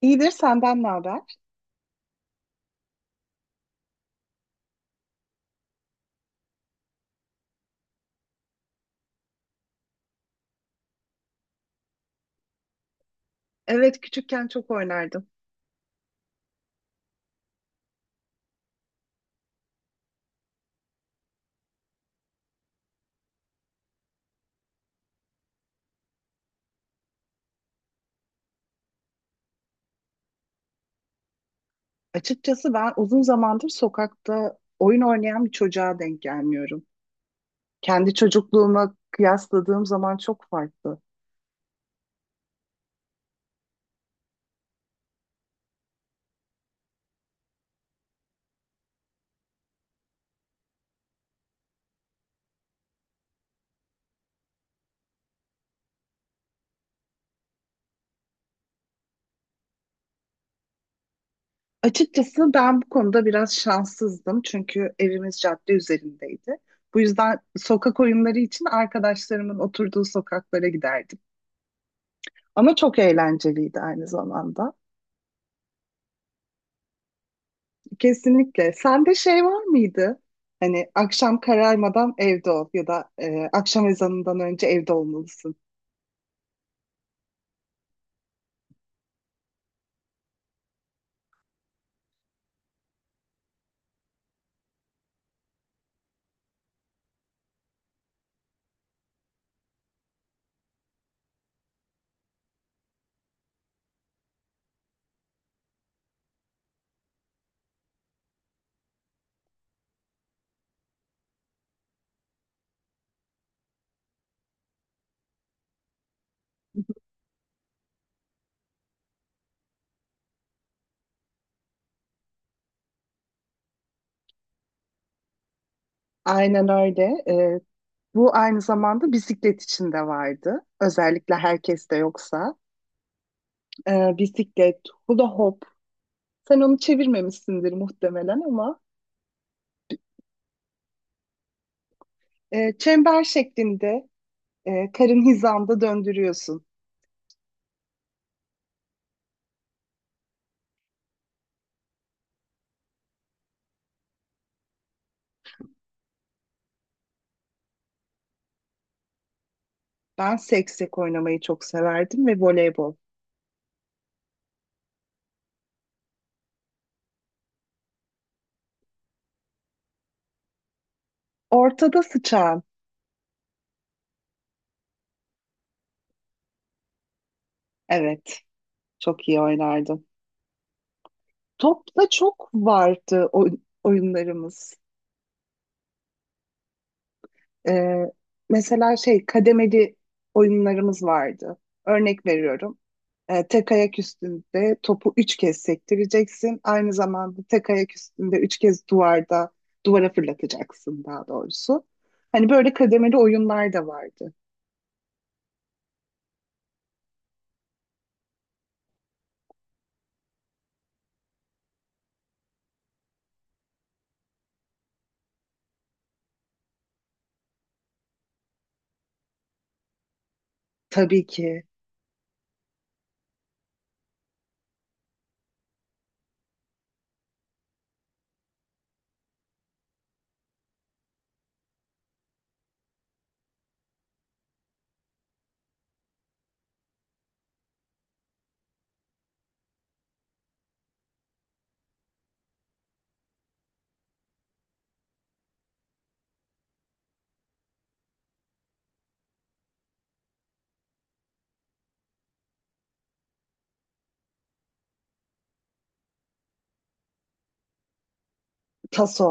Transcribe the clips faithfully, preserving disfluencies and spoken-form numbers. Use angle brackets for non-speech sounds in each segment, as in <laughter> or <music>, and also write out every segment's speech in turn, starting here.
İyidir, senden ne haber? Evet, küçükken çok oynardım. Açıkçası ben uzun zamandır sokakta oyun oynayan bir çocuğa denk gelmiyorum. Kendi çocukluğuma kıyasladığım zaman çok farklı. Açıkçası ben bu konuda biraz şanssızdım çünkü evimiz cadde üzerindeydi. Bu yüzden sokak oyunları için arkadaşlarımın oturduğu sokaklara giderdim. Ama çok eğlenceliydi aynı zamanda. Kesinlikle. Sende şey var mıydı? Hani akşam kararmadan evde ol ya da e, akşam ezanından önce evde olmalısın. Aynen öyle. Ee, Bu aynı zamanda bisiklet için de vardı. Özellikle herkes de yoksa. Ee, bisiklet, hula hop. Sen onu çevirmemişsindir muhtemelen ama e, çember şeklinde, e, karın hizanda döndürüyorsun. Ben seksek oynamayı çok severdim ve voleybol. Ortada sıçan. Evet, çok iyi oynardım. Top da çok vardı oy- oyunlarımız. Ee, Mesela şey kademeli oyunlarımız vardı. Örnek veriyorum. Ee, tek ayak üstünde topu üç kez sektireceksin. Aynı zamanda tek ayak üstünde üç kez duvarda duvara fırlatacaksın daha doğrusu. Hani böyle kademeli oyunlar da vardı. Tabii ki. Taso.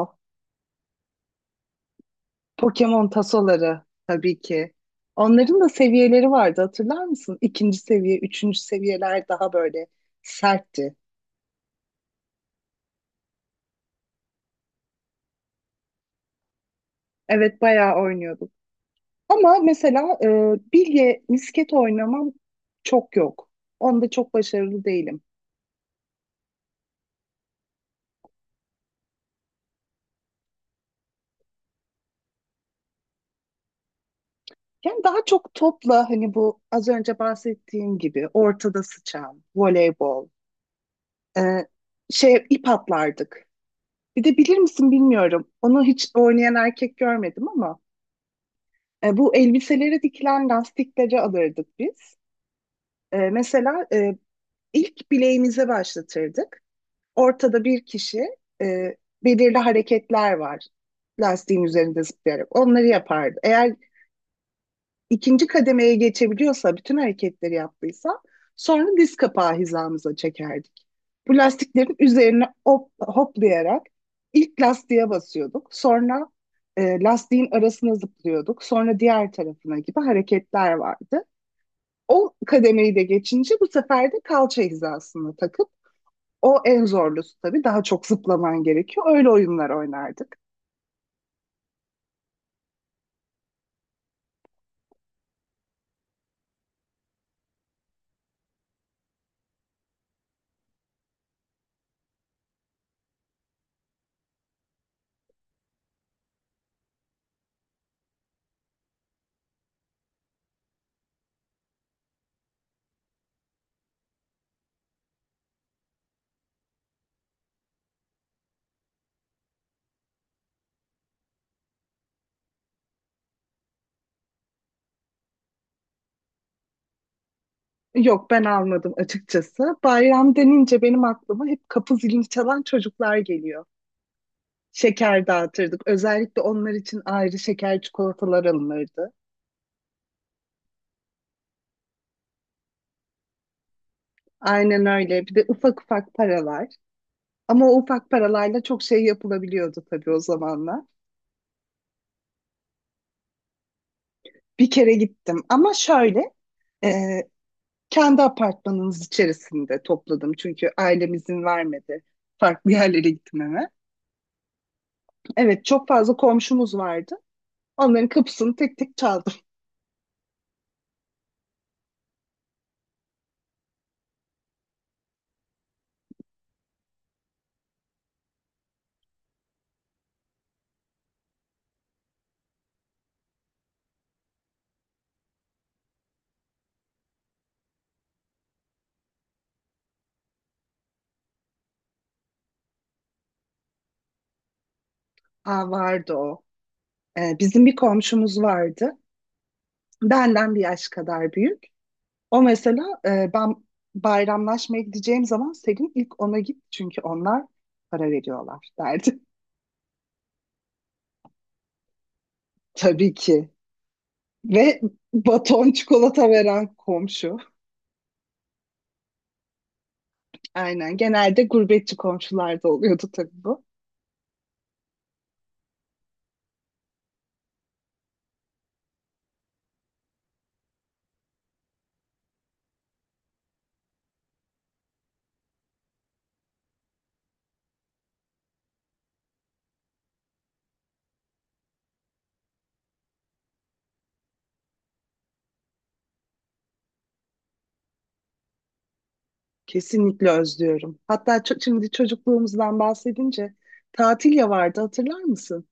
Pokemon tasoları, tabii ki. Onların da seviyeleri vardı, hatırlar mısın? İkinci seviye, üçüncü seviyeler daha böyle sertti. Evet, bayağı oynuyorduk. Ama mesela e, bilye, misket oynamam çok yok. Onda çok başarılı değilim. Yani daha çok topla hani bu az önce bahsettiğim gibi ortada sıçan, voleybol, e, şey ip atlardık. Bir de bilir misin bilmiyorum. Onu hiç oynayan erkek görmedim ama E, bu elbiselere dikilen lastiklere alırdık biz. E, mesela e, ilk bileğimize başlatırdık. Ortada bir kişi, e, belirli hareketler var lastiğin üzerinde zıplayarak. Onları yapardı. Eğer ikinci kademeye geçebiliyorsa, bütün hareketleri yaptıysa sonra diz kapağı hizamıza çekerdik. Bu lastiklerin üzerine hop, hoplayarak ilk lastiğe basıyorduk. Sonra e, lastiğin arasına zıplıyorduk. Sonra diğer tarafına gibi hareketler vardı. O kademeyi de geçince bu sefer de kalça hizasını takıp o en zorlusu, tabii daha çok zıplaman gerekiyor. Öyle oyunlar oynardık. Yok, ben almadım açıkçası. Bayram denince benim aklıma hep kapı zilini çalan çocuklar geliyor. Şeker dağıtırdık. Özellikle onlar için ayrı şeker çikolatalar alınırdı. Aynen öyle. Bir de ufak ufak paralar. Ama o ufak paralarla çok şey yapılabiliyordu tabii o zamanlar. Bir kere gittim ama şöyle, e, kendi apartmanımız içerisinde topladım çünkü ailem izin vermedi farklı <laughs> yerlere gitmeme. Evet, çok fazla komşumuz vardı. Onların kapısını tek tek çaldım. Aa, vardı o. Ee, bizim bir komşumuz vardı. Benden bir yaş kadar büyük. O mesela, e, ben bayramlaşmaya gideceğim zaman Selin ilk ona git çünkü onlar para veriyorlar derdi. <laughs> Tabii ki. Ve baton çikolata veren komşu. Aynen. Genelde gurbetçi komşularda oluyordu tabii bu. Kesinlikle özlüyorum. Hatta ço- şimdi çocukluğumuzdan bahsedince tatil vardı, hatırlar mısın?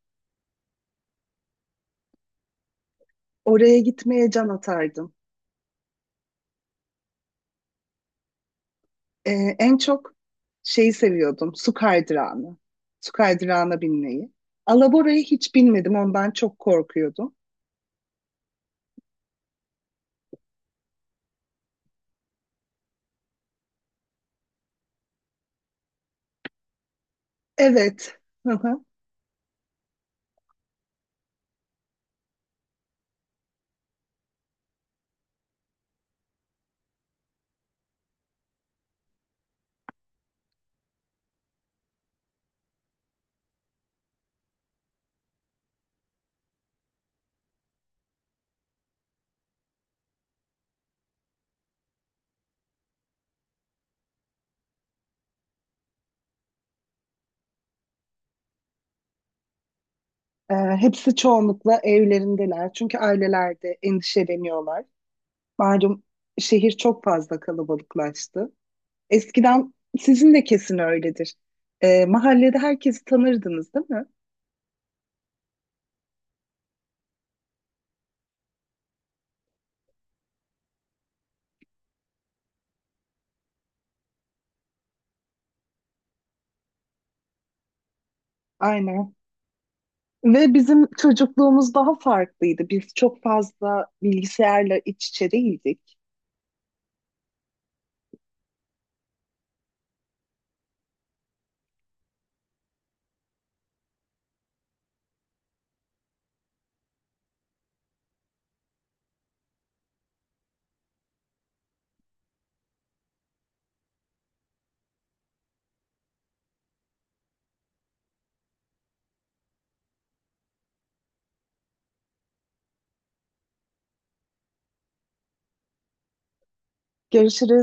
Oraya gitmeye can atardım. Ee, En çok şeyi seviyordum. Su kaydırağını. Su kaydırağına binmeyi. Alabora'ya hiç binmedim. Ondan çok korkuyordum. Evet. <laughs> Ee, Hepsi çoğunlukla evlerindeler. Çünkü ailelerde endişeleniyorlar. Malum, şehir çok fazla kalabalıklaştı. Eskiden sizin de kesin öyledir. Ee, mahallede herkesi tanırdınız, değil mi? Aynen. Ve bizim çocukluğumuz daha farklıydı. Biz çok fazla bilgisayarla iç içe değildik. Görüşürüz.